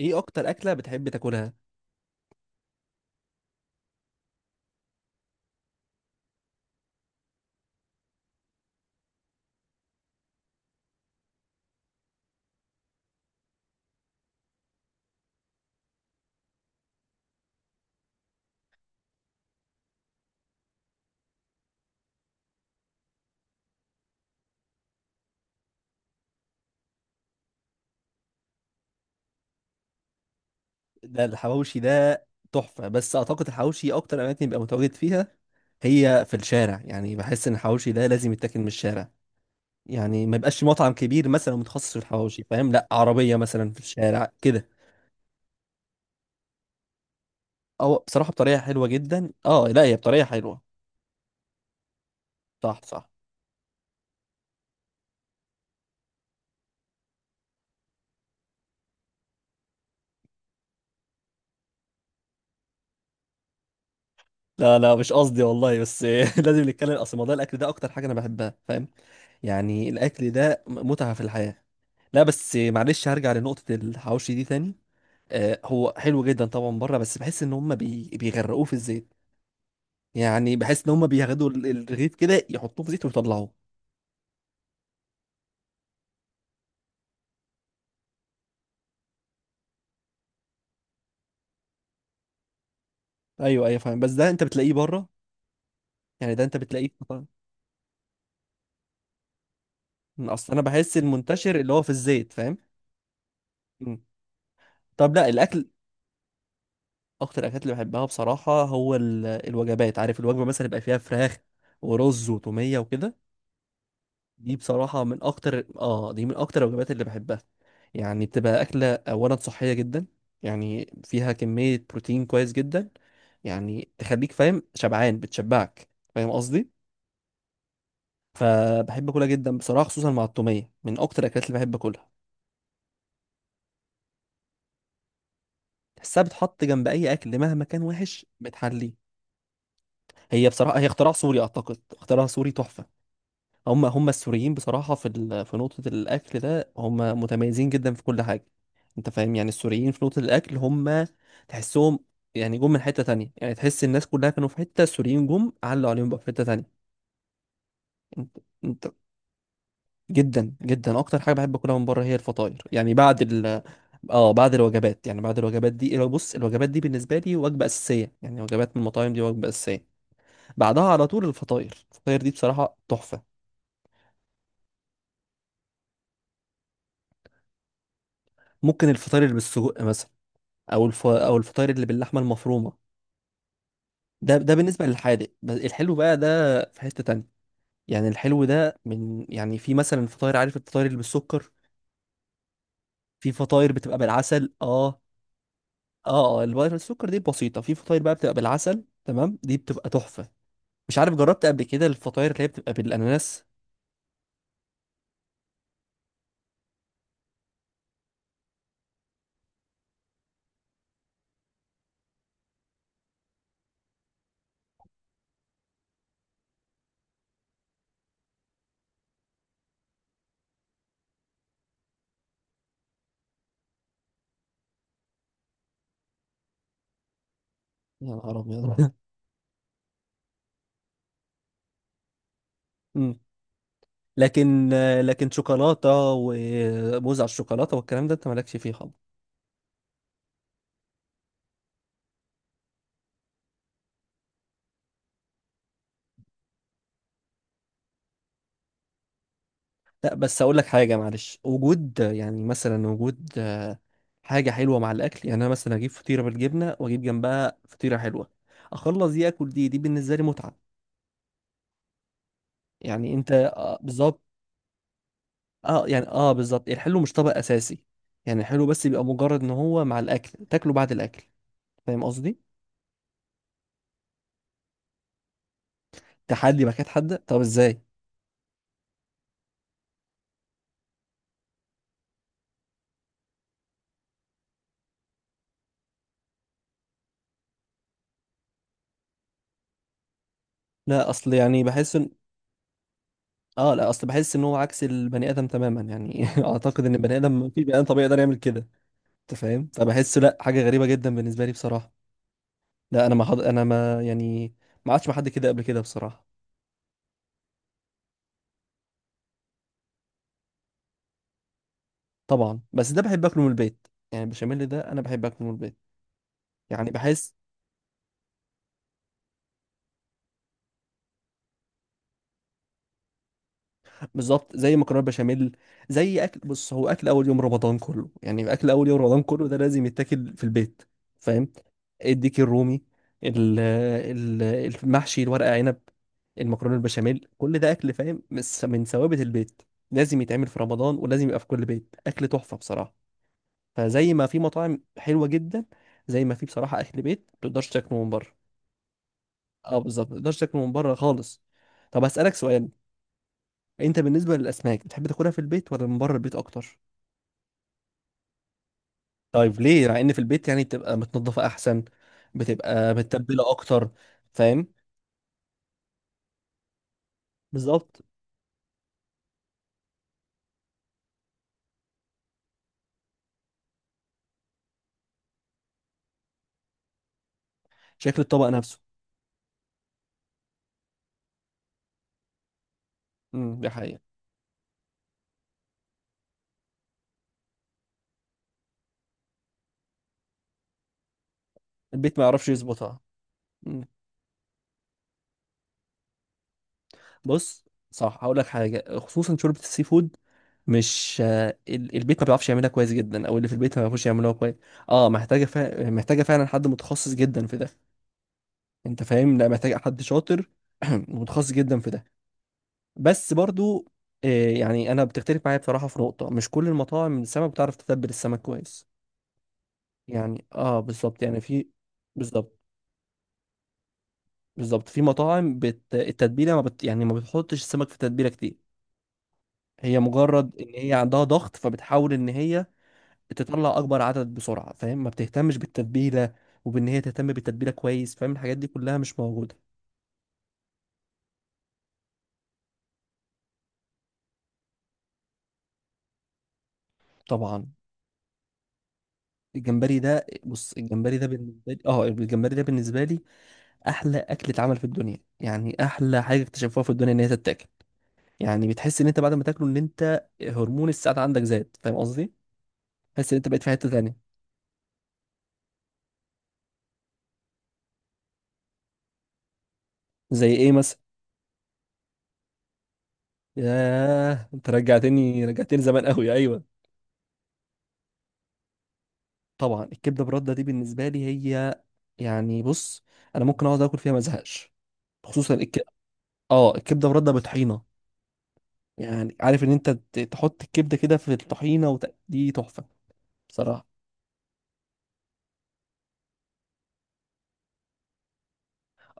ايه اكتر اكله بتحب تاكلها؟ الحواوشي ده تحفه، بس اعتقد الحواوشي اكتر اماكن بيبقى متواجد فيها هي في الشارع. يعني بحس ان الحواوشي ده لازم يتاكل من الشارع، يعني ما يبقاش مطعم كبير مثلا متخصص في الحواوشي، فاهم؟ لا، عربيه مثلا في الشارع كده. او بصراحه بطريقه حلوه جدا. اه، لا هي بطريقه حلوه. صح صح. لا مش قصدي والله بس لازم نتكلم، اصل موضوع الاكل ده اكتر حاجه انا بحبها، فاهم؟ يعني الاكل ده متعه في الحياه. لا بس معلش هرجع لنقطه الحواوشي دي تاني. هو حلو جدا طبعا بره، بس بحس ان هم بيغرقوه في الزيت. يعني بحس ان هم بياخدوا الرغيف كده يحطوه في زيت ويطلعوه. ايوه ايوه فاهم، بس ده انت بتلاقيه بره، يعني ده انت بتلاقيه طبعا. اصل انا بحس المنتشر اللي هو في الزيت، فاهم؟ مم. طب لا الاكل. اكتر الاكلات اللي بحبها بصراحه هو الوجبات، عارف؟ الوجبه مثلا يبقى فيها فراخ ورز وتوميه وكده. دي بصراحة من أكتر، آه دي من أكتر الوجبات اللي بحبها. يعني بتبقى أكلة أولا صحية جدا، يعني فيها كمية بروتين كويس جدا، يعني تخليك فاهم شبعان، بتشبعك، فاهم قصدي؟ فبحب أكلها جدا بصراحة، خصوصا مع التومية من أكتر الأكلات اللي بحب أكلها. تحسها بتحط جنب أي أكل مهما كان وحش بتحليه. هي بصراحة هي اختراع سوري، أعتقد اختراع سوري تحفة. هم السوريين بصراحة في في نقطة الأكل ده هم متميزين جدا في كل حاجة. أنت فاهم؟ يعني السوريين في نقطة الأكل هم تحسهم يعني جم من حتة تانية. يعني تحس الناس كلها كانوا في حتة، السوريين جم علوا عليهم بقى في حتة تانية. أنت أنت جدا جدا أكتر حاجة بحب أكلها من بره هي الفطاير، يعني بعد ال، اه بعد الوجبات. يعني بعد الوجبات دي، بص الوجبات دي بالنسبة لي وجبة أساسية، يعني وجبات من المطاعم دي وجبة أساسية. بعدها على طول الفطاير، الفطاير دي بصراحة تحفة. ممكن الفطاير اللي بالسجق مثلا، او او الفطاير اللي باللحمه المفرومه. ده بالنسبه للحادق، بس الحلو بقى ده في حته تانية. يعني الحلو ده من، يعني في مثلا فطاير، عارف الفطاير اللي بالسكر؟ في فطاير بتبقى بالعسل اه. اه اه الفطاير بالسكر دي بسيطه، في فطاير بقى بتبقى بالعسل، تمام، دي بتبقى تحفه. مش عارف جربت قبل كده الفطاير اللي هي بتبقى بالاناناس؟ يا نهار ابيض أمم. لكن، لكن شوكولاته وموز على الشوكولاته والكلام ده انت مالكش فيه خالص. لا بس اقول لك حاجه معلش، وجود يعني مثلا وجود حاجه حلوه مع الاكل. يعني انا مثلا اجيب فطيره بالجبنه واجيب جنبها فطيره حلوه، اخلص دي اكل، دي بالنسبه لي متعه. يعني انت آه بالظبط. اه يعني اه بالظبط، الحلو مش طبق اساسي، يعني الحلو بس بيبقى مجرد ان هو مع الاكل تاكله بعد الاكل، فاهم قصدي؟ تحدي باكات حاده، طب ازاي؟ لا اصل يعني بحس ان، اه لا اصل بحس ان هو عكس البني ادم تماما، يعني اعتقد ان البني ادم، في بني ادم طبيعي يقدر يعمل كده؟ انت فاهم؟ فبحس لا حاجه غريبه جدا بالنسبه لي بصراحه. لا انا ما حد... انا ما يعني ما عادش مع حد كده قبل كده بصراحه. طبعا بس ده بحب اكله من البيت، يعني البشاميل ده انا بحب اكله من البيت. يعني بحس بالظبط زي مكرونه بشاميل، زي اكل، بص هو اكل اول يوم رمضان كله، يعني اكل اول يوم رمضان كله ده لازم يتاكل في البيت، فاهم؟ الديك الرومي، ال- ال- المحشي، الورق عنب، المكرونه البشاميل، كل ده اكل فاهم من ثوابت البيت. لازم يتعمل في رمضان، ولازم يبقى في كل بيت، اكل تحفه بصراحه. فزي ما في مطاعم حلوه جدا، زي ما في بصراحه اكل بيت ما تقدرش تاكله من بره. اه بالظبط ما تقدرش تاكله من بره خالص. طب هسألك سؤال، انت بالنسبه للاسماك بتحب تاكلها في البيت ولا من بره البيت اكتر؟ طيب ليه؟ مع ان في البيت يعني بتبقى متنظفه احسن، بتبقى متبله اكتر، فاهم؟ بالظبط شكل الطبق نفسه. دي حقيقه. البيت ما يعرفش يظبطها. امم. بص صح هقول لك حاجه، خصوصا شوربه السي فود، مش البيت ما بيعرفش يعملها كويس جدا، او اللي في البيت ما بيعرفوش يعملوها كويس. اه محتاجه فعلا حد متخصص جدا في ده. انت فاهم؟ لا محتاجه حد شاطر ومتخصص جدا في ده. بس برضو يعني انا بتختلف معايا بصراحه في نقطه، مش كل المطاعم السمك بتعرف تتبل السمك كويس. يعني اه بالظبط، يعني في، بالظبط بالظبط، في مطاعم التتبيله ما بت... يعني ما بتحطش السمك في تتبيله كتير. هي مجرد ان هي عندها ضغط فبتحاول ان هي تطلع اكبر عدد بسرعه، فاهم؟ ما بتهتمش بالتتبيله، وبان هي تهتم بالتتبيله كويس، فاهم؟ الحاجات دي كلها مش موجوده. طبعا الجمبري ده، بص الجمبري ده بالنسبه لي اه، الجمبري ده بالنسبه لي احلى اكل اتعمل في الدنيا. يعني احلى حاجه اكتشفوها في الدنيا ان هي تتاكل، يعني بتحس ان انت بعد ما تاكله ان انت هرمون السعاده عندك زاد، فاهم قصدي؟ تحس ان انت بقيت في حته تانية. زي ايه مثلا؟ ياه انت رجعتني، رجعتني زمان قوي، ايوه. طبعا الكبده برده دي بالنسبه لي هي، يعني بص انا ممكن اقعد اكل فيها ما ازهقش. خصوصا اه الكبده برده بطحينه. يعني عارف ان انت تحط الكبده كده في الطحينه دي تحفه. بصراحه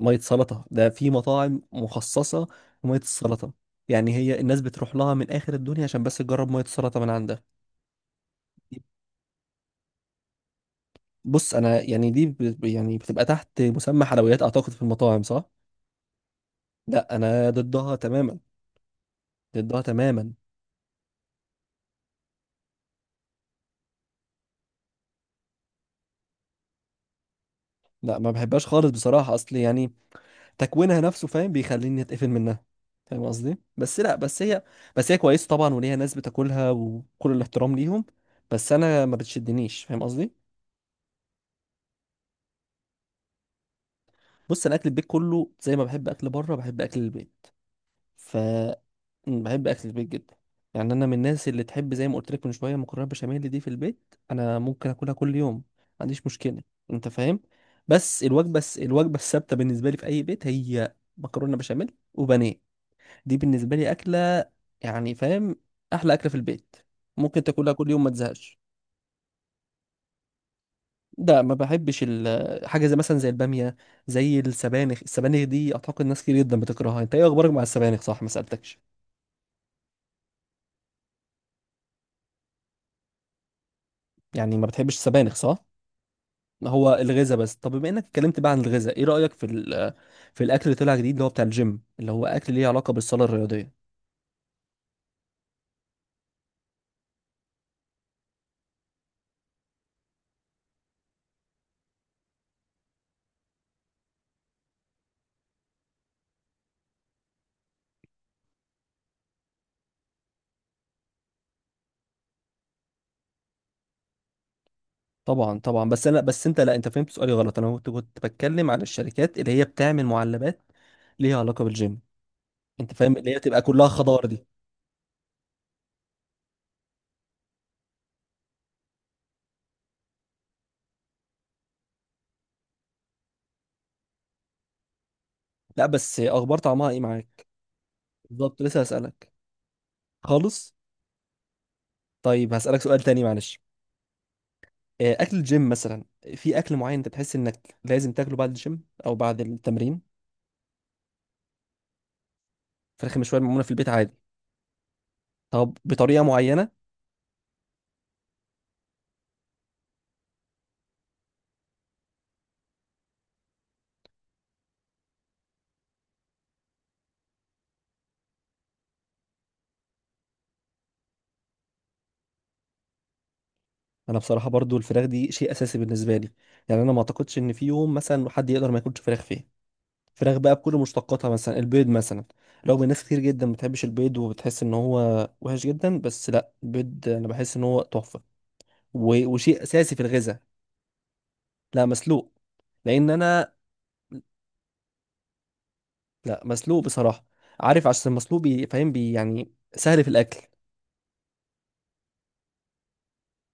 ميه سلطه ده في مطاعم مخصصه لميه السلطه. يعني هي الناس بتروح لها من اخر الدنيا عشان بس تجرب ميه السلطه من عندها. بص انا يعني يعني بتبقى تحت مسمى حلويات اعتقد في المطاعم، صح؟ لا انا ضدها تماما، ضدها تماما. لا ما بحبهاش خالص بصراحه، اصل يعني تكوينها نفسه فاهم بيخليني اتقفل منها، فاهم قصدي؟ بس لا بس هي، بس هي كويسه طبعا وليها ناس بتاكلها وكل الاحترام ليهم، بس انا ما بتشدنيش، فاهم قصدي؟ بص انا اكل البيت كله زي ما بحب اكل بره بحب اكل البيت، ف، بحب اكل البيت جدا. يعني انا من الناس اللي تحب، زي ما قلت لك من شويه، مكرونه بشاميل دي في البيت انا ممكن اكلها كل يوم، ما عنديش مشكله، انت فاهم؟ بس الوجبه الوجبه الثابته بالنسبه لي في اي بيت هي مكرونه بشاميل وبانيه. دي بالنسبه لي اكله يعني، فاهم؟ احلى اكله في البيت، ممكن تاكلها كل يوم ما تزهقش. ده ما بحبش حاجه زي مثلا زي الباميه، زي السبانخ. السبانخ دي اعتقد ناس كتير جدا بتكرهها. انت ايه اخبارك مع السبانخ؟ صح، ما سالتكش. يعني ما بتحبش السبانخ، صح؟ هو الغذاء بس. طب بما انك اتكلمت بقى عن الغذاء، ايه رايك في في الاكل اللي طلع جديد اللي هو بتاع الجيم، اللي هو اكل ليه علاقه بالصاله الرياضيه؟ طبعا طبعا، بس انا بس انت، لا انت فهمت سؤالي غلط، انا كنت بتكلم عن الشركات اللي هي بتعمل معلبات ليها علاقه بالجيم، انت فاهم؟ اللي هي تبقى كلها خضار دي. لا بس اخبار طعمها ايه معاك؟ بالظبط لسه هسالك. خالص. طيب هسألك سؤال تاني معلش، أكل الجيم مثلا، في أكل معين أنت تحس إنك لازم تاكله بعد الجيم أو بعد التمرين؟ فراخ مشوية معمولة في البيت عادي؟ طب بطريقة معينة؟ أنا بصراحة برضو الفراخ دي شيء أساسي بالنسبة لي، يعني أنا ما أعتقدش إن في يوم مثلا حد يقدر ما ياكلش فراخ فيه. فراخ بقى بكل مشتقاتها، مثلا البيض مثلا، رغم إن ناس كتير جدا ما بتحبش البيض وبتحس إن هو وحش جدا، بس لا البيض أنا بحس إن هو تحفة و، وشيء أساسي في الغذاء. لا مسلوق، لأن أنا، لا مسلوق بصراحة. عارف عشان مسلوق فاهم بي يعني سهل في الأكل.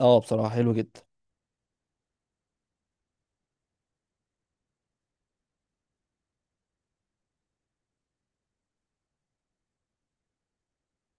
اه بصراحة حلو جدا.